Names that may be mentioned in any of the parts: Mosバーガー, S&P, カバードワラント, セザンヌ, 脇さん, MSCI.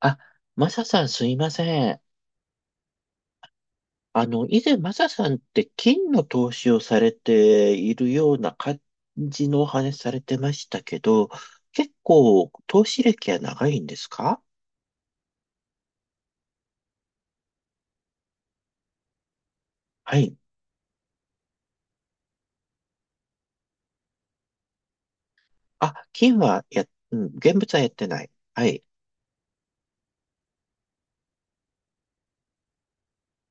あ、マサさんすいません。以前マサさんって金の投資をされているような感じのお話されてましたけど、結構投資歴は長いんですか？はい。あ、金はうん、現物はやってない。はい。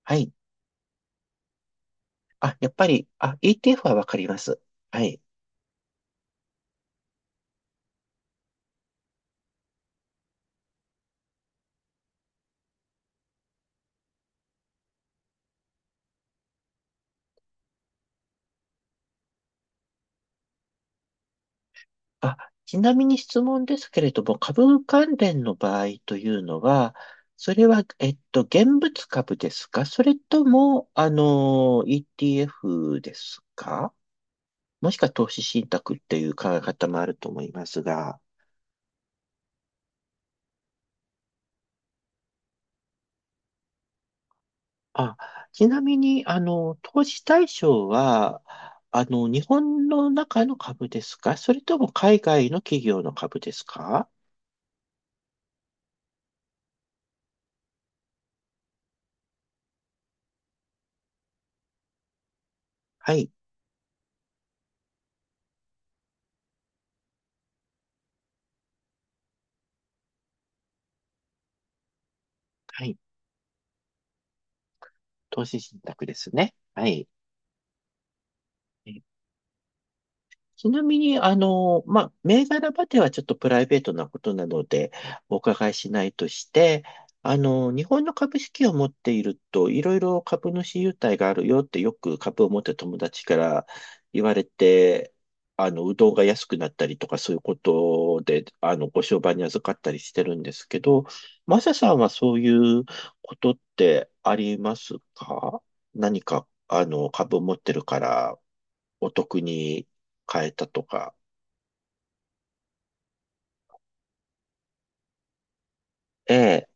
はい。あ、やっぱり、あ、ETF はわかります。はい。あ、ちなみに質問ですけれども、株関連の場合というのは、それは、現物株ですかそれとも、ETF ですか？もしくは投資信託っていう考え方もあると思いますが。あ、ちなみに、投資対象は、日本の中の株ですかそれとも海外の企業の株ですか？はい、はい、投資信託ですね。はい。ちなみに、まあ、銘柄まではちょっとプライベートなことなので、お伺いしないとして、日本の株式を持っていると、いろいろ株主優待があるよってよく株を持ってる友達から言われて、うどんが安くなったりとかそういうことで、ご商売に預かったりしてるんですけど、マサさんはそういうことってありますか？何か、株を持ってるからお得に変えたとか。ええ、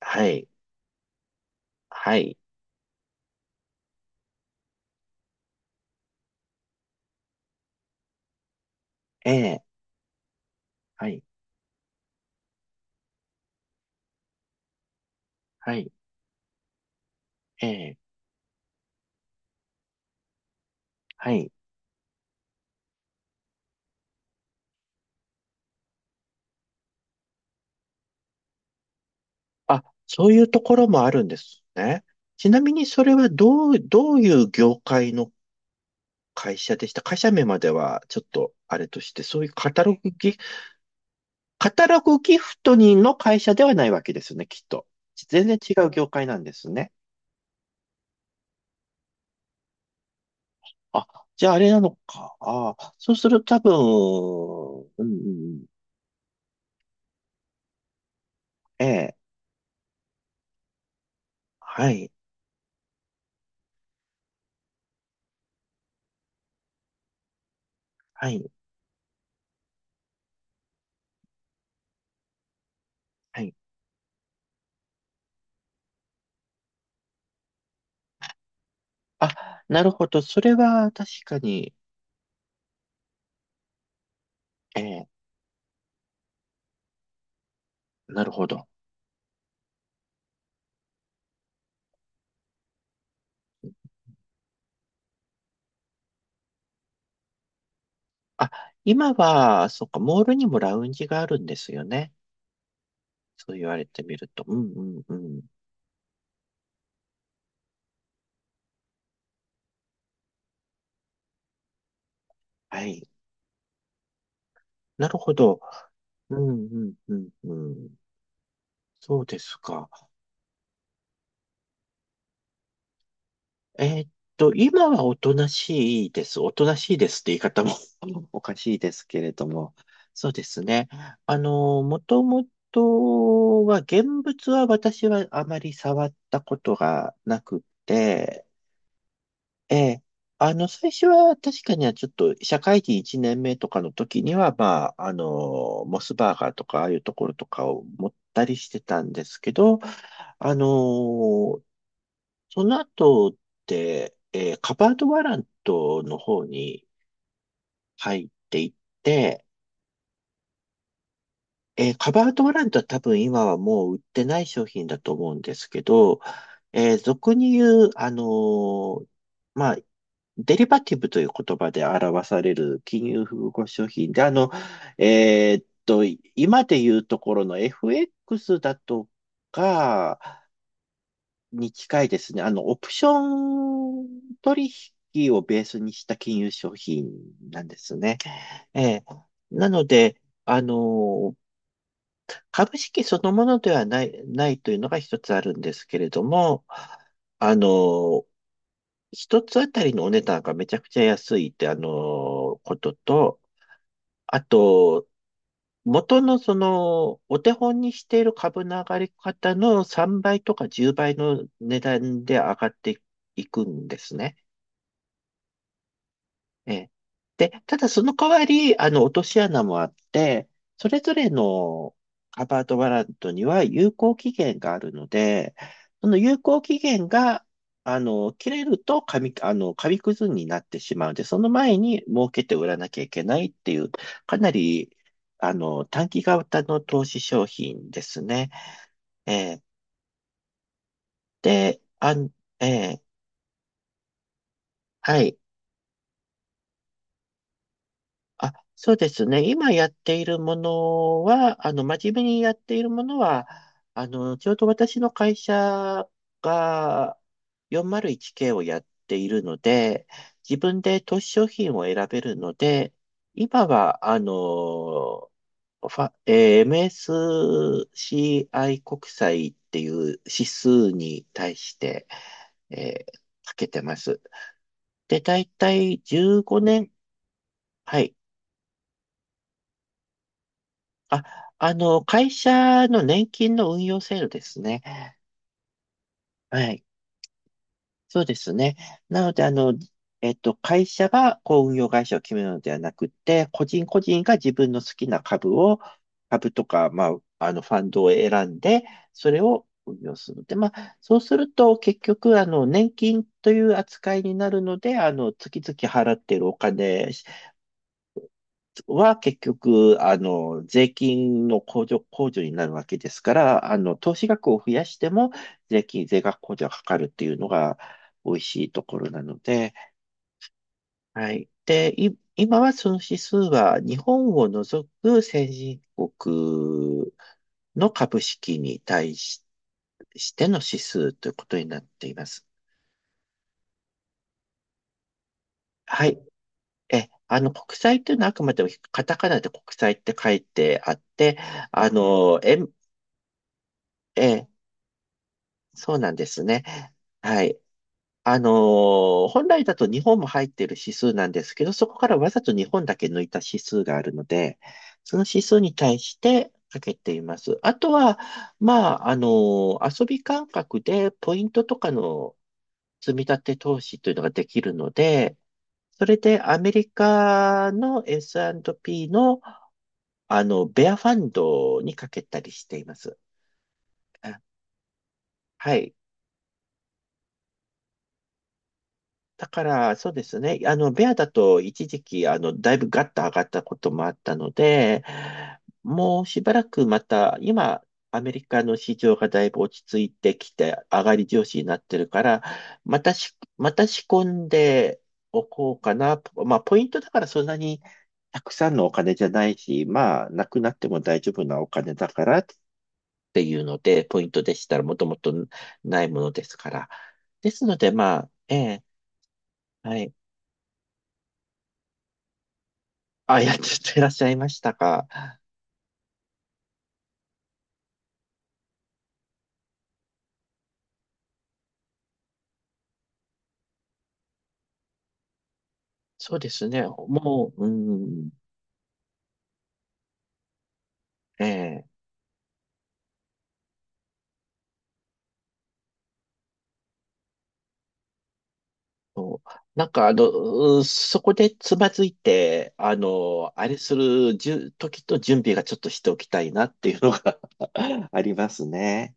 はい、はい、ええ、はい、はい、ええ、はい。あ、そういうところもあるんですね。ちなみにそれはどういう業界の会社でした？会社名まではちょっとあれとして、そういうカタログギフトにの会社ではないわけですよね、きっと。全然違う業界なんですね。あ、じゃああれなのか。ああ、そうすると多分、うん、うんうん、ええ、はい。はい。はい。あ、なるほど。それは確かに、えーなるほど。あ、今は、そっか、モールにもラウンジがあるんですよね。そう言われてみると。うんうんうん。はい。なるほど。うんうんうんうん。そうですか。えーっ今はおとなしいです。おとなしいですって言い方も おかしいですけれども。そうですね。もともとは、現物は私はあまり触ったことがなくて、ええ、最初は確かにはちょっと社会人1年目とかの時には、まあ、モスバーガーとか、ああいうところとかを持ったりしてたんですけど、あの、その後って、カバードワラントの方に入っていって、カバードワラントは多分今はもう売ってない商品だと思うんですけど、俗に言う、まあ、デリバティブという言葉で表される金融複合商品で、えーっと、今で言うところの FX だとか、に近いですね。オプション取引をベースにした金融商品なんですね。ええ。なので、株式そのものではないというのが一つあるんですけれども、あの、一つあたりのお値段がめちゃくちゃ安いって、ことと、あと、元のその、お手本にしている株の上がり方の3倍とか10倍の値段で上がっていくんですね。ええ。で、ただその代わり、落とし穴もあって、それぞれのカバードワラントには有効期限があるので、その有効期限が、切れると紙、あの、紙くずになってしまうので、その前に儲けて売らなきゃいけないっていう、かなり、短期型の投資商品ですね。ええ。で、ええ、はい。あ、そうですね。今やっているものは、真面目にやっているものは、ちょうど私の会社が 401K をやっているので、自分で投資商品を選べるので、今は、あの、ファ、えー MSCI 国債っていう指数に対して、かけてます。で、だいたい15年、はい。あ、会社の年金の運用制度ですね。はい。そうですね。なので、会社がこう運用会社を決めるのではなくて、個人個人が自分の好きな株とか、まあ、ファンドを選んで、それを運用するので、まあ、そうすると、結局、年金という扱いになるので、月々払っているお金は結局、あの、税金の控除、控除になるわけですから、投資額を増やしても税額控除がかかるっていうのが美味しいところなので、はい。で、今はその指数は日本を除く先進国の株式にしての指数ということになっています。はい。え、あの、国債というのはあくまでもカタカナで国債って書いてあって、あの、円え、そうなんですね。はい。本来だと日本も入っている指数なんですけど、そこからわざと日本だけ抜いた指数があるので、その指数に対してかけています。あとは、まあ、遊び感覚でポイントとかの積み立て投資というのができるので、それでアメリカの S&P の、ベアファンドにかけたりしています。あ、はい。だから、そうですね。ベアだと一時期、だいぶガッと上がったこともあったので、もうしばらくまた、今、アメリカの市場がだいぶ落ち着いてきて、上がり調子になってるから、またし、また仕込んでおこうかな。まあ、ポイントだからそんなにたくさんのお金じゃないし、まあ、なくなっても大丈夫なお金だからっていうので、ポイントでしたらもともとないものですから。ですので、まあ、ええ、はい。あ、やっていらっしゃいましたか。そうですね。もう、うん、ええと、なんか、うん、そこでつまずいて、あれするじゅ時と準備がちょっとしておきたいなっていうのが ありますね。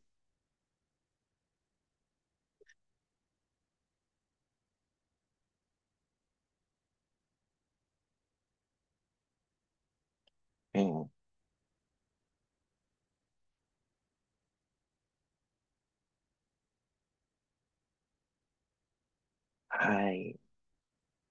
うん。はい。